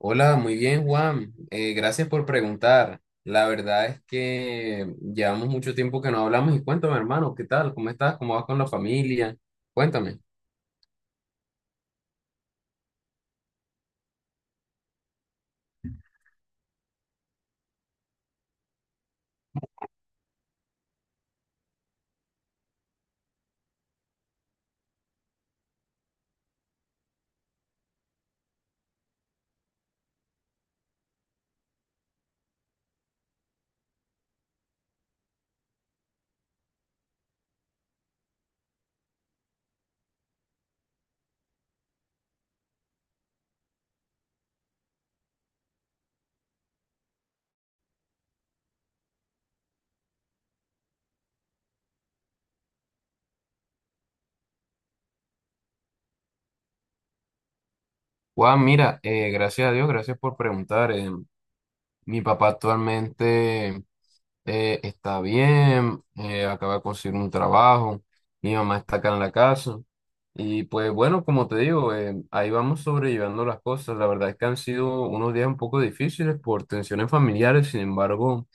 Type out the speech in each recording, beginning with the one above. Hola, muy bien, Juan. Gracias por preguntar. La verdad es que llevamos mucho tiempo que no hablamos y cuéntame, hermano, ¿qué tal? ¿Cómo estás? ¿Cómo vas con la familia? Cuéntame. Juan, mira, gracias a Dios, gracias por preguntar. Mi papá actualmente está bien, acaba de conseguir un trabajo, mi mamá está acá en la casa. Y pues bueno, como te digo, ahí vamos sobrellevando las cosas. La verdad es que han sido unos días un poco difíciles por tensiones familiares, sin embargo.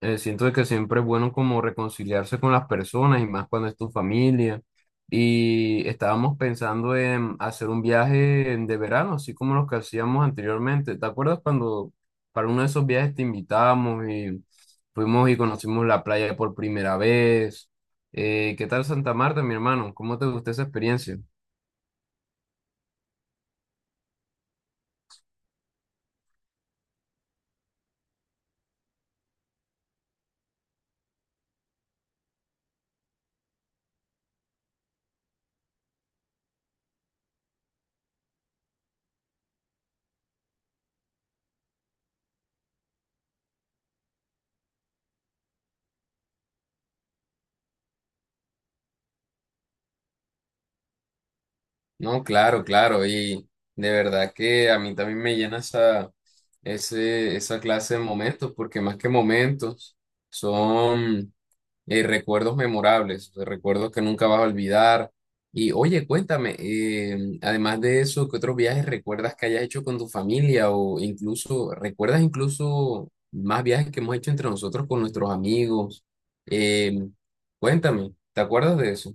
Siento de que siempre es bueno como reconciliarse con las personas y más cuando es tu familia. Y estábamos pensando en hacer un viaje de verano, así como los que hacíamos anteriormente. ¿Te acuerdas cuando para uno de esos viajes te invitamos y fuimos y conocimos la playa por primera vez? ¿Qué tal Santa Marta, mi hermano? ¿Cómo te gustó esa experiencia? No, claro, claro, y de verdad que a mí también me llena esa clase de momentos, porque más que momentos, son recuerdos memorables, de recuerdos que nunca vas a olvidar. Y oye, cuéntame, además de eso, ¿qué otros viajes recuerdas que hayas hecho con tu familia o incluso, recuerdas incluso más viajes que hemos hecho entre nosotros con nuestros amigos? Eh, Cuéntame, ¿te acuerdas de eso?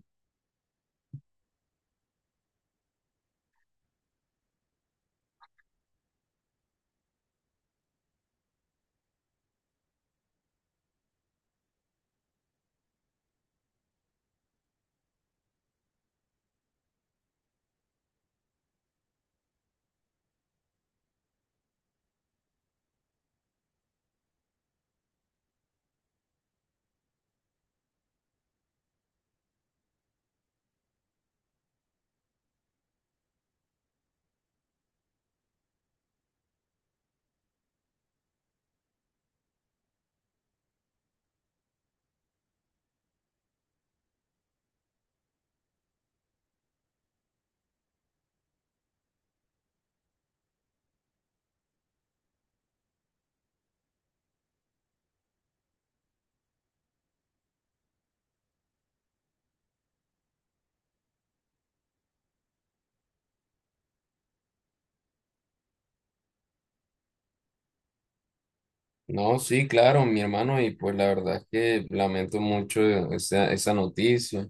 No, sí, claro, mi hermano, y pues la verdad es que lamento mucho esa noticia.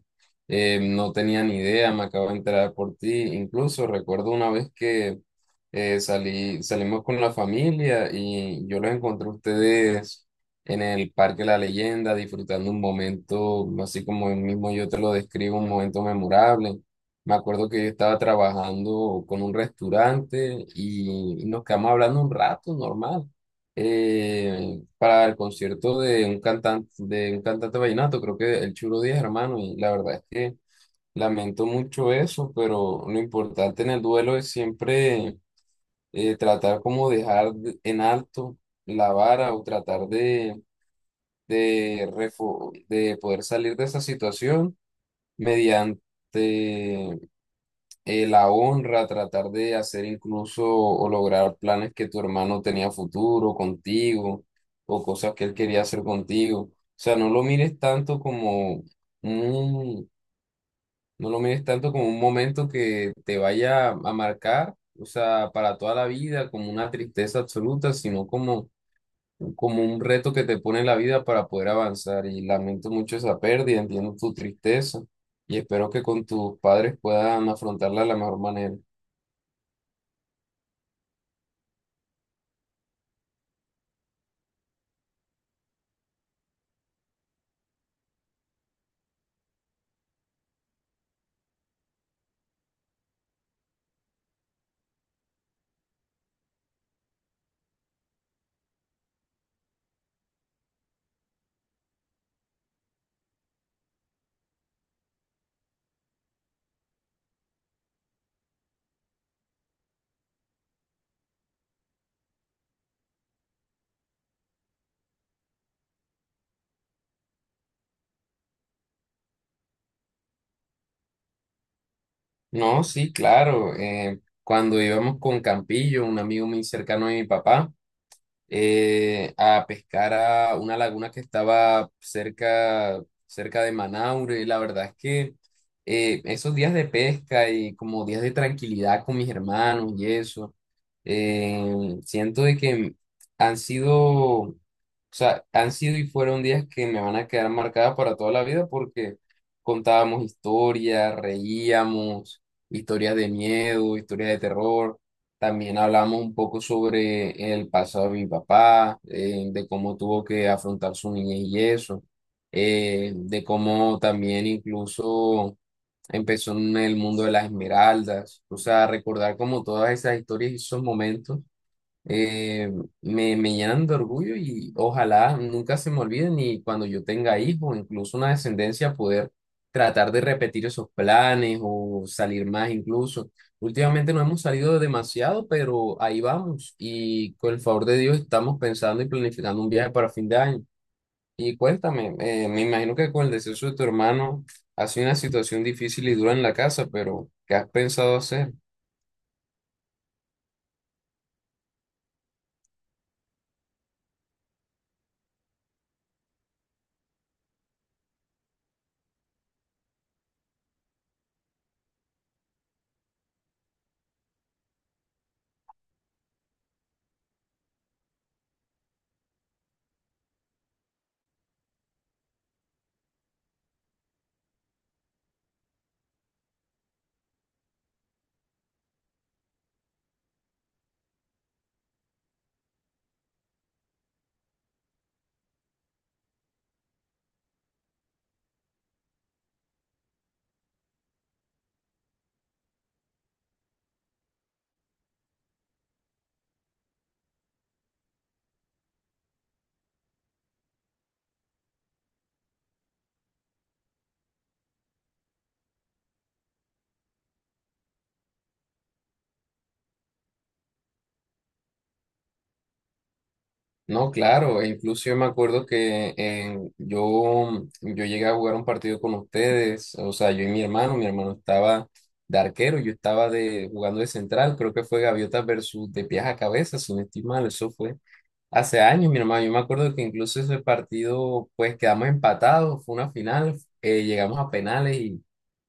No tenía ni idea, me acabo de enterar por ti. Incluso recuerdo una vez que salimos con la familia y yo los encontré a ustedes en el Parque La Leyenda disfrutando un momento, así como el mismo yo te lo describo, un momento memorable. Me acuerdo que yo estaba trabajando con un restaurante y nos quedamos hablando un rato, normal para el concierto de un cantante vallenato, creo que el Chulo Díaz, hermano, y la verdad es que lamento mucho eso, pero lo importante en el duelo es siempre tratar como en alto la vara o tratar de, refo- de poder salir de esa situación mediante la honra, tratar de hacer incluso o lograr planes que tu hermano tenía futuro contigo o cosas que él quería hacer contigo. O sea, no lo mires tanto como un, no lo mires tanto como un momento que te vaya a marcar, o sea, para toda la vida, como una tristeza absoluta, sino como, como un reto que te pone la vida para poder avanzar. Y lamento mucho esa pérdida, entiendo tu tristeza. Y espero que con tus padres puedan afrontarla de la mejor manera. No, sí, claro. Cuando íbamos con Campillo, un amigo muy cercano de mi papá, a pescar a una laguna que estaba cerca, cerca de Manaure. La verdad es que esos días de pesca y como días de tranquilidad con mis hermanos y eso, siento de que han sido, o sea, han sido y fueron días que me van a quedar marcadas para toda la vida porque contábamos historias, reíamos, historias de miedo, historias de terror. También hablamos un poco sobre el pasado de mi papá, de cómo tuvo que afrontar su niñez y eso, de cómo también incluso empezó en el mundo de las esmeraldas, o sea, recordar como todas esas historias y esos momentos eh, me llenan de orgullo y ojalá nunca se me olviden y cuando yo tenga hijos, incluso una descendencia, poder tratar de repetir esos planes o salir más incluso. Últimamente no hemos salido demasiado, pero ahí vamos y con el favor de Dios estamos pensando y planificando un viaje para fin de año. Y cuéntame, me imagino que con el deceso de tu hermano ha sido una situación difícil y dura en la casa, pero ¿qué has pensado hacer? No, claro, e incluso yo me acuerdo que yo llegué a jugar un partido con ustedes, o sea, yo y mi hermano estaba de arquero, yo estaba jugando de central, creo que fue Gaviotas versus de pies a cabeza, si no estoy mal, eso fue hace años, mi hermano, yo me acuerdo que incluso ese partido, pues quedamos empatados, fue una final, llegamos a penales y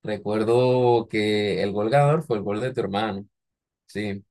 recuerdo que el gol ganador fue el gol de tu hermano, sí.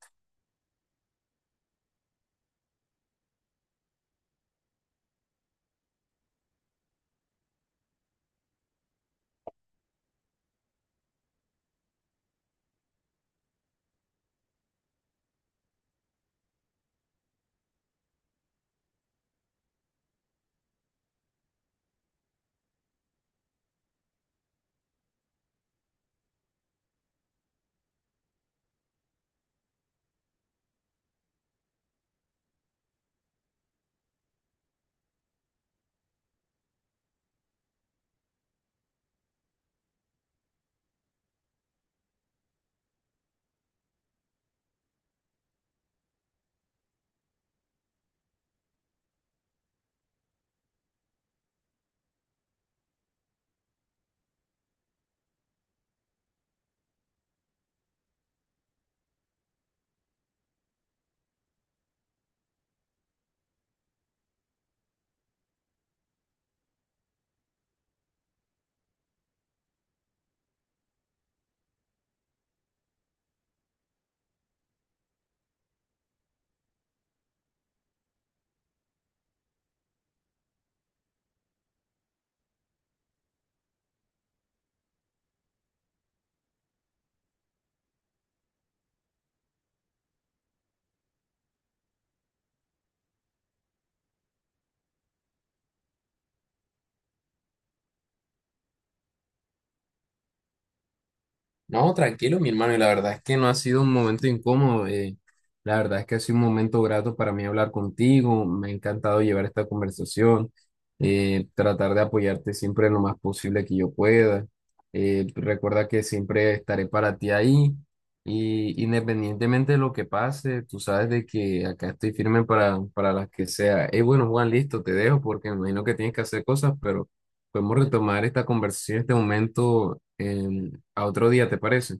No, tranquilo, mi hermano, y la verdad es que no ha sido un momento incómodo. La verdad es que ha sido un momento grato para mí hablar contigo. Me ha encantado llevar esta conversación, tratar de apoyarte siempre lo más posible que yo pueda. Recuerda que siempre estaré para ti ahí y independientemente de lo que pase, tú sabes de que acá estoy firme para las que sea. Bueno, Juan, listo, te dejo porque me imagino que tienes que hacer cosas, pero podemos retomar esta conversación en este momento a otro día, ¿te parece?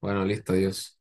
Bueno, listo, adiós.